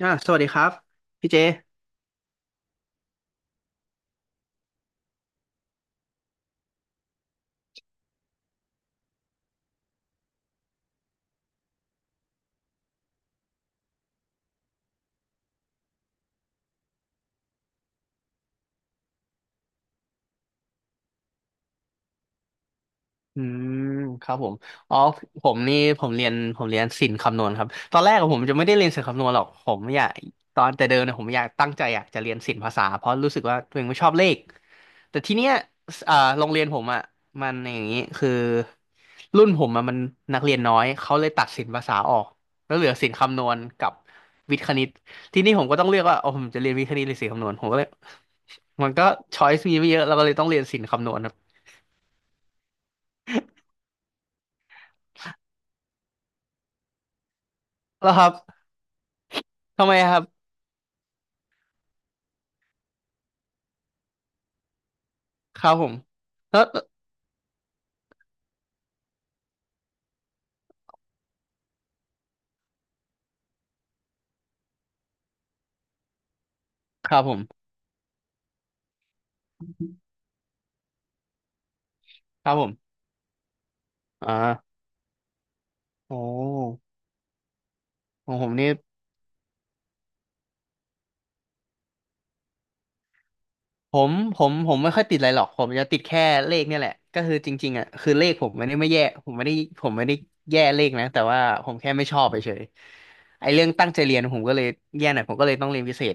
สวัสดีครับพี่เจอืมครับผมอ๋อผมนี่ผมเรียนศิลป์คำนวณครับตอนแรกอะผมจะไม่ได้เรียนศิลป์คำนวณหรอกผมอยากตอนแต่เดิมเนี่ยผมอยากตั้งใจอยากจะเรียนศิลป์ภาษาเพราะรู้สึกว่าตัวเองไม่ชอบเลขแต่ทีเนี้ยโรงเรียนผมอ่ะมันอย่างนี้คือรุ่นผมอะมันนักเรียนน้อยเขาเลยตัดศิลป์ภาษาออกแล้วเหลือศิลป์คำนวณกับวิทย์คณิตทีนี้ผมก็ต้องเลือกว่าโอ้ผมจะเรียนวิทย์คณิตหรือศิลป์คำนวณผมก็เลยมันก็ช้อยส์มีไม่เยอะเราก็เลยต้องเรียนศิลป์คำนวณ แล้วครับ ทำไมครับครับผมแล้วครับผมครับผมอ่าโอ้ของผมนี่ผมไม่ค่อยติดอะไรหรอกผมจะติดแค่เลขเนี่ยแหละก็คือจริงๆอ่ะคือเลขผมไม่ได้ไม่แย่ผมไม่ได้แย่เลขนะแต่ว่าผมแค่ไม่ชอบไปเฉยๆไอ้เรื่องตั้งใจเรียนผมก็เลยแย่หน่อยผมก็เลยต้องเรียนพิเศษ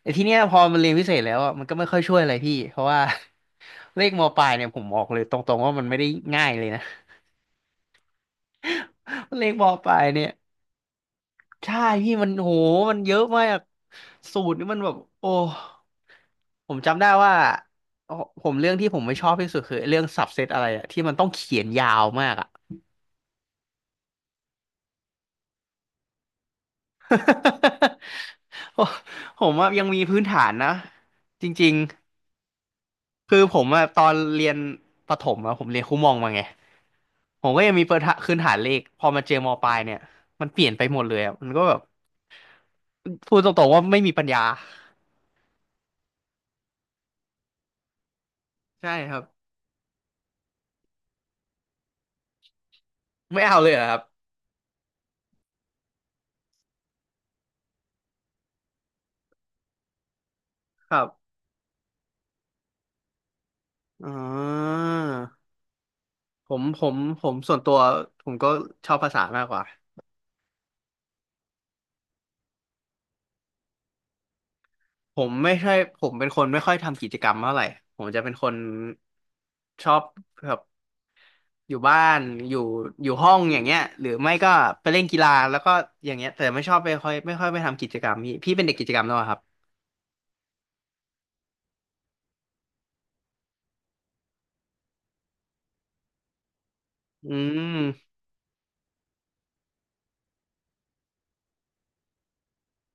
แต่ทีเนี้ยพอมันเรียนพิเศษแล้วอะมันก็ไม่ค่อยช่วยอะไรพี่เพราะว่า เลขมปลายเนี่ยผมบอกเลยตรงๆว่ามันไม่ได้ง่ายเลยนะ เลขมปลายเนี่ย ใช่พี่มันโหมันเยอะมากสูตรนี่มันแบบโอ้ผมจำได้ว่าโอผมเรื่องที่ผมไม่ชอบที่สุดคือเรื่องสับเซตอะไรอะที่มันต้องเขียนยาวมากอะ โอ้ผมอะยังมีพื้นฐานนะจริงๆคือผมอะตอนเรียนประถมอะผมเรียนครูมองมาไงผมก็ยังมีเปิดคื้นฐานเลขพอมาเจอมปลายเนี่ยมันเปลี่ยนไปหมดเลยอะมันก็แบบพูดตรงๆว่าไม่มีปัญญาใช่ครับไม่เอาเลยเหรอครับครับ อ่าผมส่วนตัวผมก็ชอบภาษามากกว่าผมไม่ใช่ผมเป็นคนไม่ค่อยทำกิจกรรมเท่าไหร่ผมจะเป็นคนชอบแบบอยู่บ้านอยู่อยู่ห้องอย่างเงี้ยหรือไม่ก็ไปเล่นกีฬาแล้วก็อย่างเงี้ยแต่ไม่ชอบไปค่อยไม่ค่อยไปทำกิจกรรมพี่เป็นเด็กกิจกรรมแล้วเหรอครับอืม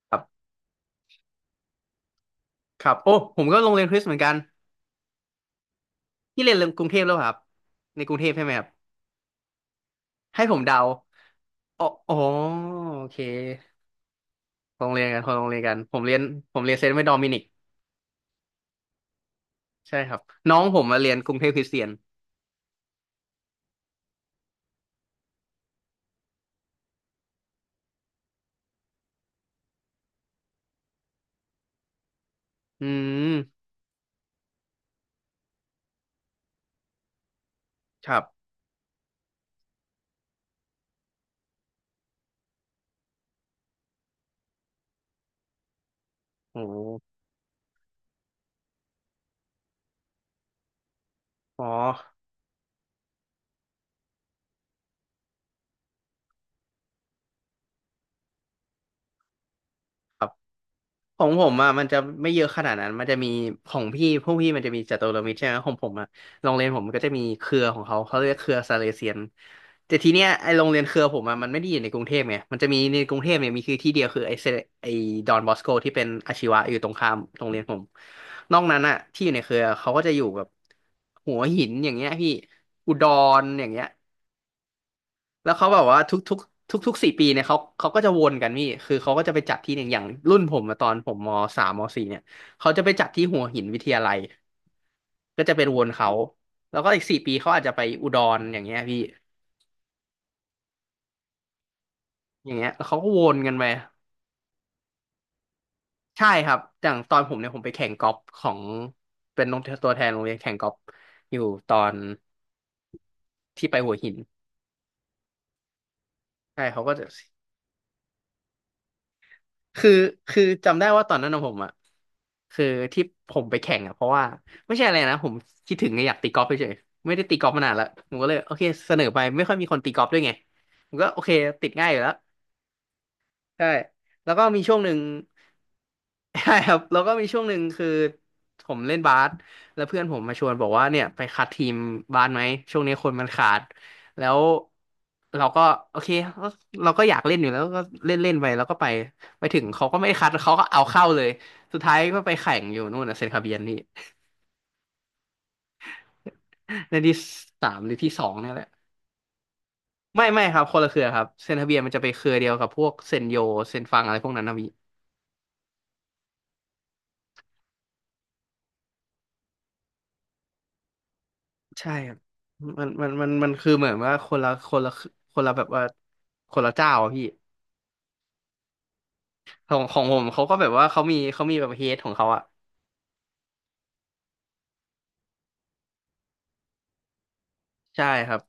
ครับครับโอ้ผมก็โรงเรียนคริสต์เหมือนกันพี่เรียนกรุงเทพแล้วเหรอครับในกรุงเทพใช่ไหมครับให้ผมเดาอ๋ออ๋อโอเค โรงเรียนกันคนโรงเรียนกันผมเรียนผมเรียนเซนต์ไม่ดอมินิกใช่ครับน้องผมมาเรียนกรุงเทพคริสเตียนอืมครับโอ้โหอ๋อ ของผมอ่ะมันจะไม่เยอะขนาดนั้นมันจะมีของพี่พวกพี่มันจะมีจัตุรมิตรใช่ไหมของผมอ่ะโรงเรียนผมก็จะมีเครือของเขาเขาเรียกเครือซาเลเซียนแต่ทีเนี้ยไอโรงเรียนเครือผมอ่ะมันไม่ได้อยู่ในกรุงเทพไงมันจะมีในกรุงเทพเนี่ยมีคือที่เดียวคือไอเซไอดอนบอสโกที่เป็นอาชีวะอยู่ตรงข้ามโรงเรียนผมนอกนั้นอ่ะที่อยู่ในเครือเขาก็จะอยู่แบบหัวหินอย่างเงี้ยพี่อุดรอย่างเงี้ย แล้วเขาแบบว่าทุกทุกสี่ปีเนี่ยเขาเขาก็จะวนกันพี่คือเขาก็จะไปจัดที่หนึ่งอย่างรุ่นผมอะตอนผมมสามมสี่เนี่ยเขาจะไปจัดที่หัวหินวิทยาลัยก็จะเป็นวนเขาแล้วก็อีกสี่ปีเขาอาจจะไปอุดรอย่างเงี้ยพี่อย่างเงี้ยแล้วเขาก็วนกันไปใช่ครับอย่างตอนผมเนี่ยผมไปแข่งกอล์ฟของเป็นตัวแทนโรงเรียนแข่งกอล์ฟอยู่ตอนที่ไปหัวหินใช่เขาก็จะ คือคือจำได้ว่าตอนนั้นของผมอ่ะคือที่ผมไปแข่งอ่ะเพราะว่าไม่ใช่อะไรนะผมคิดถึงไงอยากตีกอล์ฟเฉยๆไม่ได้ตีกอล์ฟมานานละผมก็เลยโอเคเสนอไปไม่ค่อยมีคนตีกอล์ฟด้วยไงผมก็โอเคติดง่ายอยู่แล้ว ใช่แล้วก็มีช่วงหนึ่ง ใช่ครับแล้วก็มีช่วงหนึ่งคือผมเล่นบาสแล้วเพื่อนผมมาชวนบอกว่าเนี่ยไปคัดทีมบาสไหมช่วงนี้คนมันขาดแล้วเราก็โอเคก็เราก็อยากเล่นอยู่แล้วก็เล่นเล่นไปแล้วก็ไปไปถึงเขาก็ไม่ได้คัดเขาก็เอาเข้าเลยสุดท้ายก็ไปแข่งอยู่นู่นนะเซนต์คาเบียนนี่ ในที่สามหรือที่สองเนี่ยแหละไม่ไม่ครับคนละเครือครับเซนต์คาเบียนมันจะไปเครือเดียวกับพวกเซนโยเซนฟังอะไรพวกนั้นนะ ใช่ครับมันคือเหมือนว่าคนละคนละคนละแบบว่าคนละเจ้าอะพี่ของผมเขาก็แบบว่าเขามีแบบเฮดของเขาอ่ะใช่ครับ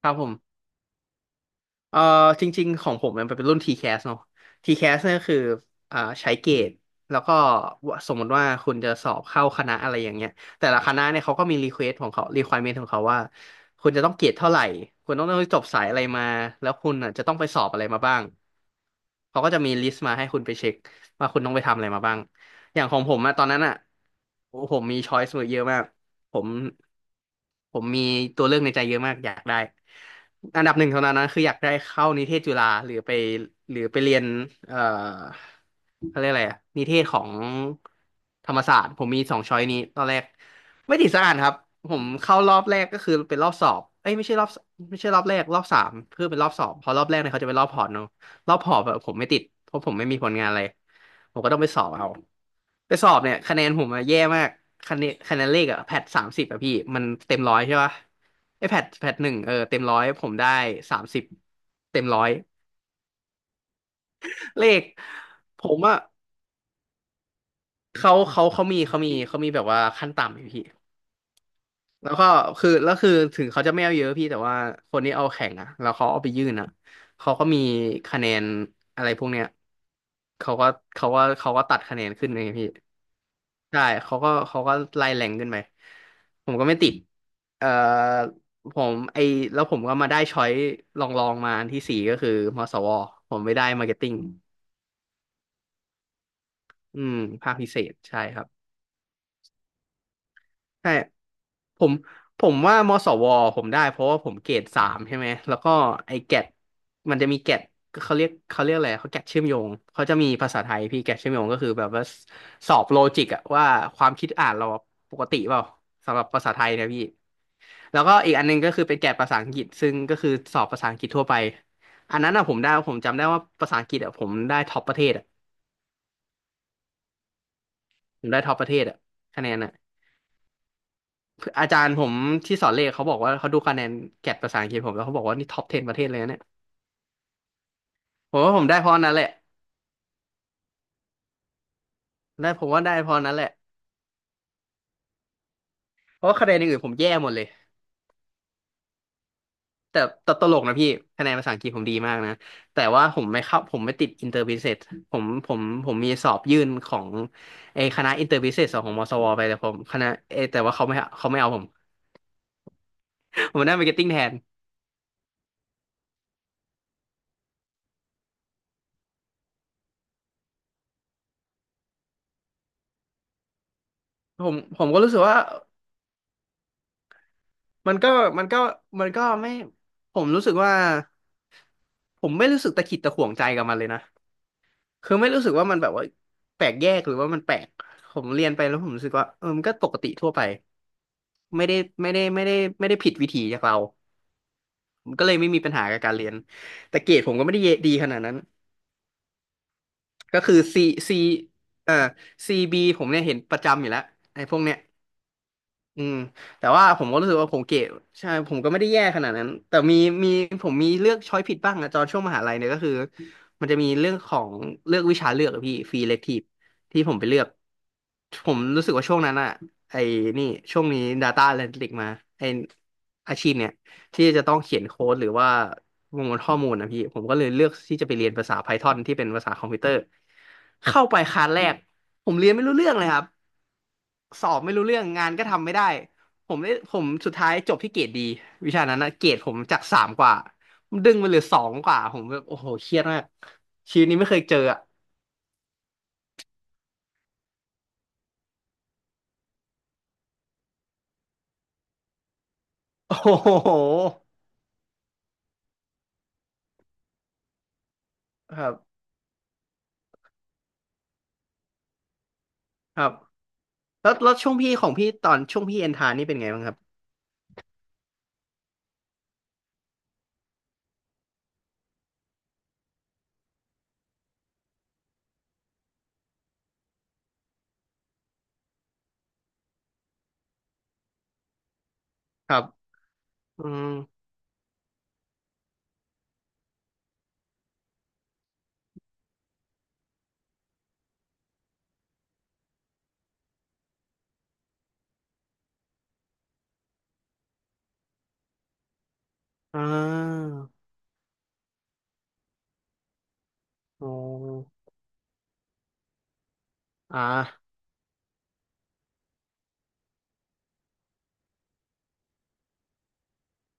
ครับผม เอ่อจริงๆของผมมันเป็นรุ่น TCAS เนาะ t แคสเนี่ยก็คือใช้เกรดแล้วก็สมมติว่าคุณจะสอบเข้าคณะอะไรอย่างเงี้ยแต่ละคณะเนี่ยเขาก็มีรีเควสของเขา requirement ของเขาว่าคุณจะต้องเกรดเท่าไหร่คุณต้องจบสายอะไรมาแล้วคุณอ่ะจะต้องไปสอบอะไรมาบ้างเขาก็จะมีลิสต์มาให้คุณไปเช็คว่าคุณต้องไปทำอะไรมาบ้างอย่างของผมอะตอนนั้นอะโอ้โหผมมีช้อยส์เยอะมาก ผมผมมีตัวเลือกในใจเยอะมากอยากได้อันดับหนึ่งเท่านั้นนะคืออยากได้เข้านิเทศจุฬาหรือไปเรียนเอ่อเขาเรียกอะไรอะนิเทศของธรรมศาสตร์ผมมีสองช้อยนี้ตอนแรกไม่ติดสักอันครับผมเข้ารอบแรกก็คือเป็นรอบสอบเอ้ยไม่ใช่รอบแรกรอบสามเพื่อเป็นรอบสอบเพราะรอบแรกเนี่ยเขาจะเป็นรอบพอร์ตเนาะ รอบหอบแบบผมไม่ติดเพราะผมไม่มีผลงานอะไรผมก็ต้องไปสอบเอาไปสอบเนี่ยคะแนนผมอะแย่มากคะแนนคะแนนเลขอะแพทสามสิบอะพี่มันเต็มร้อยใช่ปะไอแพทแพทหนึ่งเออเต็มร้อยผมได้สามสิบเต็มร้อย เลขผมอะเขามีแบบว่าขั้นต่ำอยู่พี่แล้วก็คือแล้วคือถึงเขาจะไม่เอาเยอะพี่แต่ว่าคนที่เอาแข่งอะแล้วเขาเอาไปยื่นอะเขาก็มีคะแนนอะไรพวกเนี้ยเขาก็เขาก็ตัดคะแนนขึ้นเลยพี่ ใช่ เขาก็ไล่แรงขึ้นไปผมก็ไม่ติดเอ่อผมไอแล้วผมก็มาได้ช้อยลองมาอันที่สี่ก็คือมสวผมไม่ได้มาร์เก็ตติ้งอืมภาคพิเศษ ใช่ครับ ใช่ผมผมว่ามสวผมได้เพราะว่าผมเกรดสามใช่ไหมแล้วก็ไอ้แกดมันจะมีแกดเขาเรียกเขาเรียกอะไรเขาแกดเชื่อมโยงเขาจะมีภาษาไทยพี่แกดเชื่อมโยงก็คือแบบว่าสอบโลจิกอะว่าความคิดอ่านเราปกติเปล่าสำหรับภาษาไทยเนะพี่แล้วก็อีกอันหนึงก็คือเป็นแกดภาษาอังกฤษซึ่งก็คือสอบภาษาอังกฤษทั่วไปอันนั้นอะผมได้ผมจำได้ว่าภาษาอังกฤษอะผมได้ท็อปประเทศอะผมได้ท็อปประเทศอะคะแนนอะ อาจารย์ผมที่สอนเลขเขาบอกว่าเขาดูคะแนนแกดภาษาอังกฤษผมแล้วเขาบอกว่านี่ท็อป10ประเทศเลยนะเนี่ยผมว่าผมได้เพราะนั้นแหละได้ผมว่าได้เพราะนั้นแหละเพราะว่าคะแนนอย่างอื่นผมแย่หมดเลยแต่แต่ตลกนะพี่คะแนนภาษาอังกฤษผมดีมากนะแต่ว่าผมไม่ติดอินเตอร์บิเซสผมผมผมมีสอบยื่นของไอ้คณะอินเตอร์บิเซสของมศวไปแต่ผมคณะเอยแต่ว่าเขาไม่เอาผมผมได้มาร์เก็ตติ้งแทนผมก็รู้สึกว่ามันก็มันก็มันก็ไม่ผมรู้สึกว่าผมไม่รู้สึกตะขิดตะขวงใจกับมันเลยนะ คือไม่รู้สึกว่ามันแบบว่าแปลกแยกหรือว่ามันแปลกผมเรียนไปแล้วผมรู้สึกว่าเออมันก็ปกติทั่วไปไม่ได้ไม่ได้ไม่ได้ไม่ได้ผิดวิถีจากเราผมก็เลยไม่มีปัญหากับการเรียนแต่เกรดผมก็ไม่ได้เยดีขนาดนั้นก็คือ C C เอ่อซีบ b ผมเนี่ยเห็นประจำอยู่แล้วไอ้พวกเนี้ย อืมแต่ว่าผมก็รู้สึกว่าผมเก๋ใช่ผมก็ไม่ได้แย่ขนาดนั้นแต่มีผมมีเลือกช้อยผิดบ้างอะตอนช่วงมหาลัยเนี่ยก็คือมันจะมีเรื่องของเลือกวิชาเลือกอะพี่ฟรีเลคทีฟที่ผมไปเลือกผมรู้สึกว่าช่วงนั้นอะไอ้นี่ช่วงนี้ Data Analytics มาไอ้อาชีพเนี่ยที่จะต้องเขียนโค้ดหรือว่าประมวลข้อมูลนะพี่ผมก็เลยเลือกที่จะไปเรียนภาษา Python ที่เป็นภาษาคอมพิวเตอร์เข้าไปคลาสแรกผมเรียนไม่รู้เรื่องเลยครับ สอบไม่รู้เรื่องงานก็ทำไม่ได้ผมสุดท้ายจบที่เกรดดีวิชานั้นนะเกรดผมจากสามกว่ามันดึงมาเหลือสองกว่าผมแบบโอ้โหเครียดมากชีวิตนี้ไม่เคยเจออะ โอ้โหครับครับแล้วช่วงพี่ของพี่ตอนช่วงพี่เอ็นทานี่เป็นไงบ้างครับครับอืมอ่าโอ้อ่า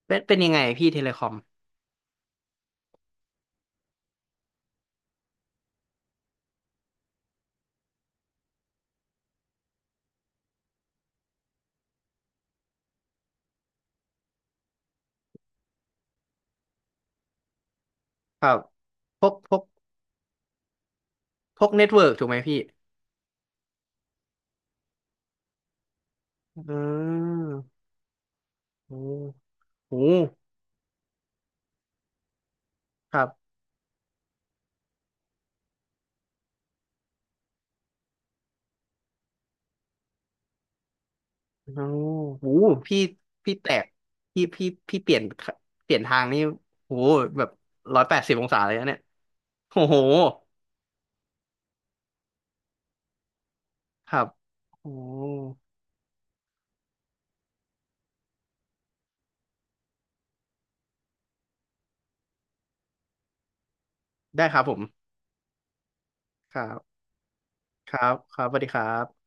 เป็นเป็นยังไงพี่เทเลคอมครับพวกพวกพวกเน็ตเวิร์กถูกไหมพี่อืมโอ้โหครับ โอ้โหพี่พี่แตกพี่เปลี่ยนทางนี่โหแบบ180องศาเลยนะเนี่ยโอ้โหครับโอ้ได้ครับผมครับครับครับสวัสดีครับ